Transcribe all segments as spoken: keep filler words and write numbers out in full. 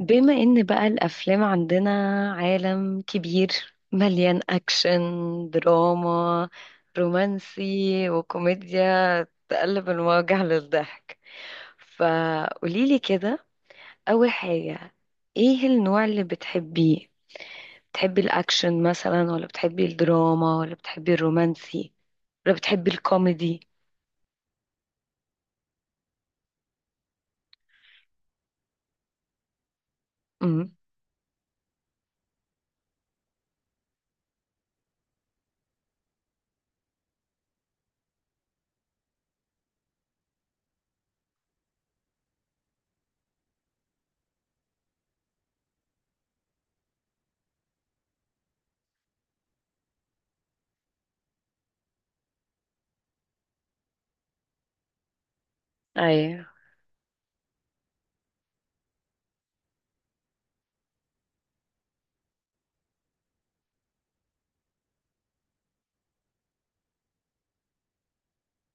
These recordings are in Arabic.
بما ان بقى الافلام عندنا عالم كبير، مليان اكشن، دراما، رومانسي، وكوميديا تقلب المواجع للضحك. فقوليلي كده، اول حاجة، ايه النوع اللي بتحبيه؟ بتحبي الاكشن مثلا ولا بتحبي الدراما ولا بتحبي الرومانسي ولا بتحبي الكوميدي؟ امم ايوه.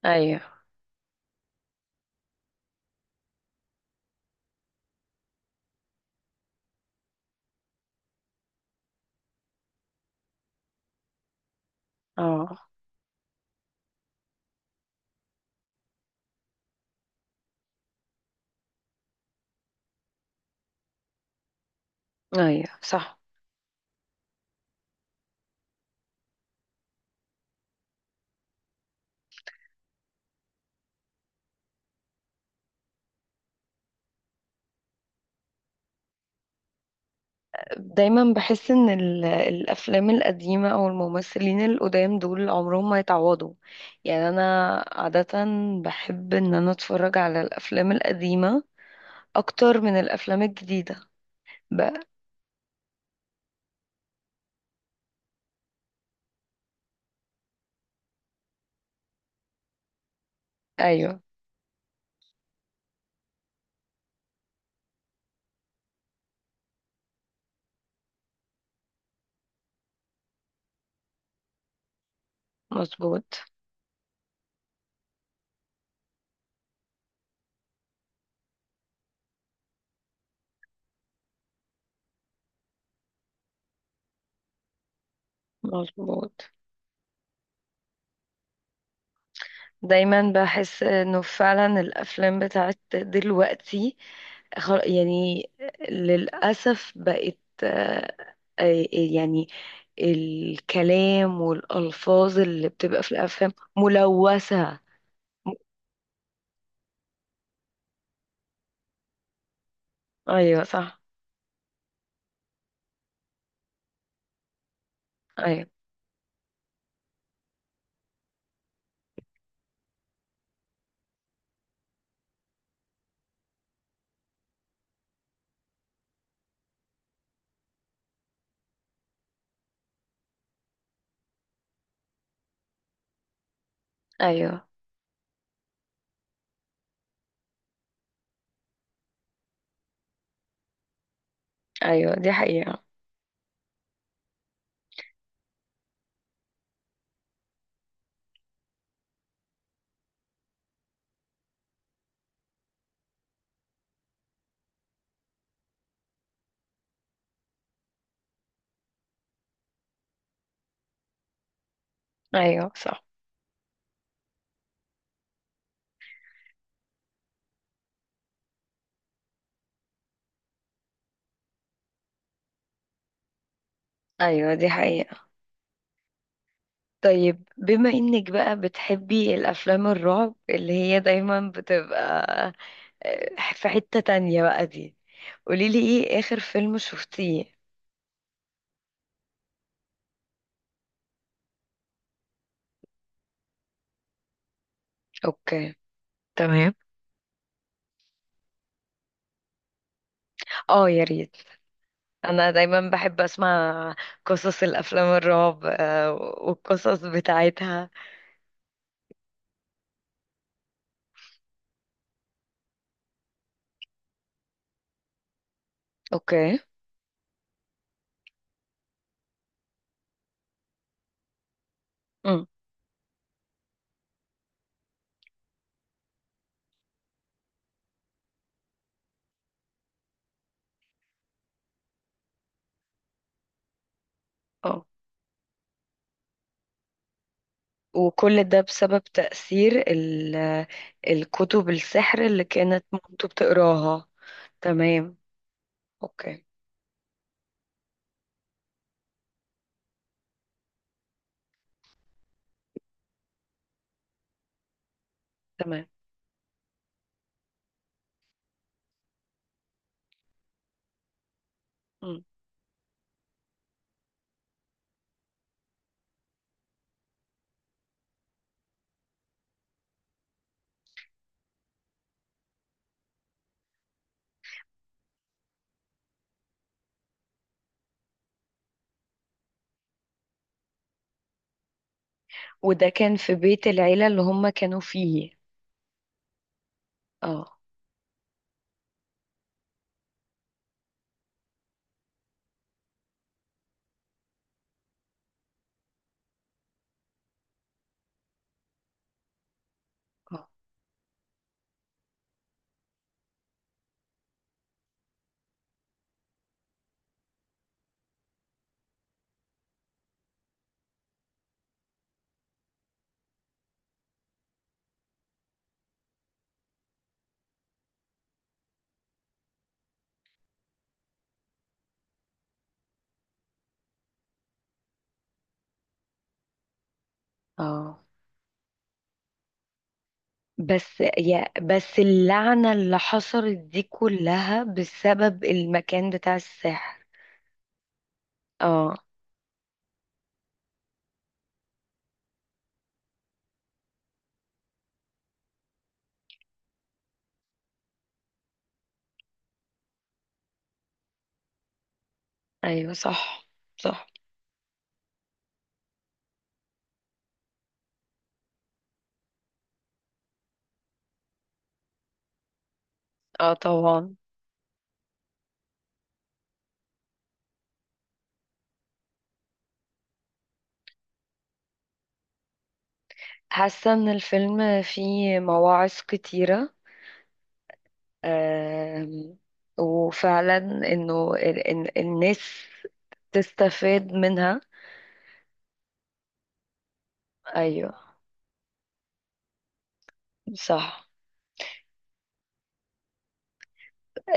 ايوه. اه. ايوه صح. دايما بحس ان ال- الافلام القديمه او الممثلين القدام دول عمرهم ما يتعوضوا. يعني انا عاده بحب ان انا اتفرج على الافلام القديمه اكتر من الافلام الجديده بقى. ايوه مظبوط. مظبوط. دايما بحس انه فعلا الافلام بتاعت دلوقتي، خل- يعني للاسف بقت، آه، آه، يعني الكلام والألفاظ اللي بتبقى في الأفلام ملوثة. م- أيوة صح. أيوة. أيوة. أيوة دي حقيقة. أيوة صح. أيوة دي حقيقة. طيب بما إنك بقى بتحبي الأفلام الرعب اللي هي دايما بتبقى آه، في حتة تانية بقى دي، قوليلي إيه آخر فيلم شفتيه؟ أوكي. تمام. اه يا ريت، انا دايما بحب اسمع قصص الافلام الرعب آه، والقصص بتاعتها. اوكي. امم. اه، وكل ده بسبب تأثير ال- الكتب السحر اللي كانت مامته بتقراها؟ تمام. اوكي. تمام. مم. وده كان في بيت العيلة اللي هم كانوا فيه؟ اه. اه. اه بس، يا بس اللعنة اللي حصلت دي كلها بسبب المكان بتاع السحر. اه. ايوه صح. صح. اه طبعا. حاسة ان الفيلم فيه مواعظ كتيرة. آم، وفعلا انه ال- ال- الناس تستفاد منها. ايوه صح.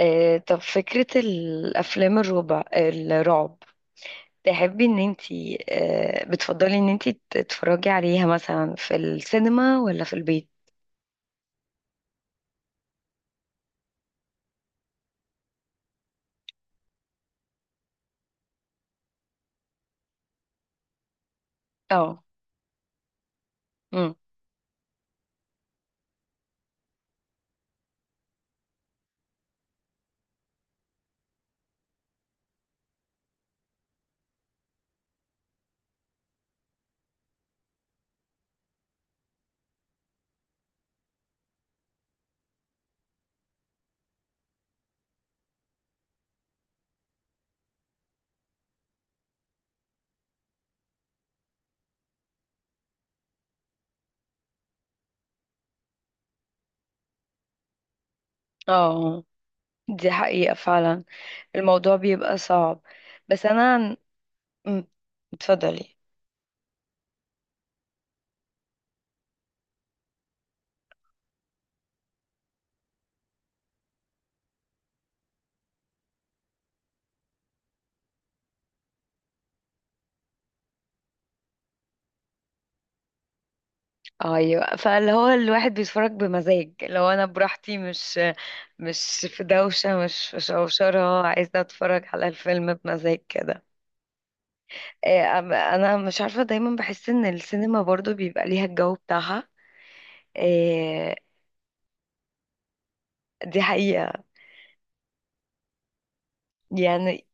آه، طب فكرة الافلام الربع الرعب، تحبي ان انتي آه، بتفضلي ان انتي تتفرجي عليها مثلا في السينما ولا في البيت؟ اه. مم. اه دي حقيقة فعلا. الموضوع بيبقى صعب. بس انا عن- مم. اتفضلي. ايوه، فاللي هو الواحد بيتفرج بمزاج. لو انا براحتي، مش مش في دوشه، مش في شوشره، عايزه اتفرج على الفيلم بمزاج كده. إيه، أم- انا مش عارفه، دايما بحس ان السينما برضو بيبقى ليها الجو بتاعها. إيه، دي حقيقه يعني.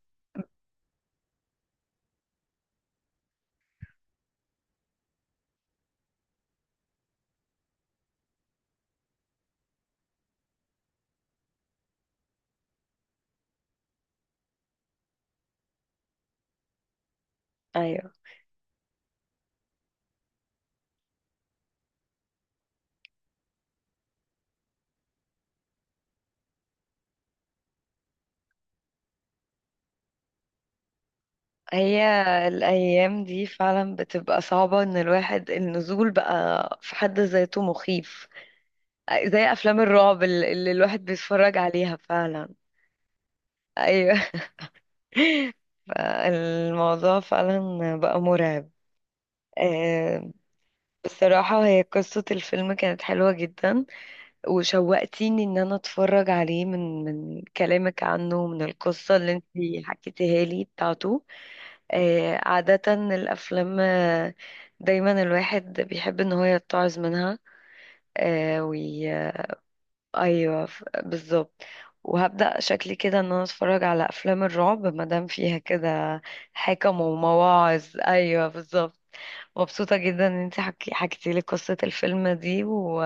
ايوه. هي الايام دي فعلا بتبقى صعبه، ان الواحد النزول بقى في حد ذاته مخيف. آه، زي افلام الرعب اللي اللي الواحد بيتفرج عليها فعلا. ايوه. فالموضوع فعلا بقى مرعب. آه، بصراحة هي قصة الفيلم كانت حلوة جدا، وشوقتيني ان انا اتفرج عليه من من كلامك عنه ومن القصة اللي انتي حكيتيها لي بتاعته. آه، عادة الافلام، آه، دايما الواحد بيحب ان هو يتعظ منها. ايوه ف- بالظبط. وهبدأ شكلي كده ان انا اتفرج على افلام الرعب مادام فيها كده حكم ومواعظ. ايوه بالظبط. مبسوطة جدا ان انت حكي حكيتي لي قصة الفيلم دي و...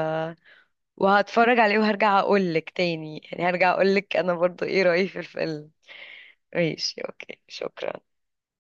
وهتفرج عليه وهرجع اقول لك تاني، يعني هرجع اقول لك انا برضو ايه رأيي في الفيلم. ماشي اوكي شكرا.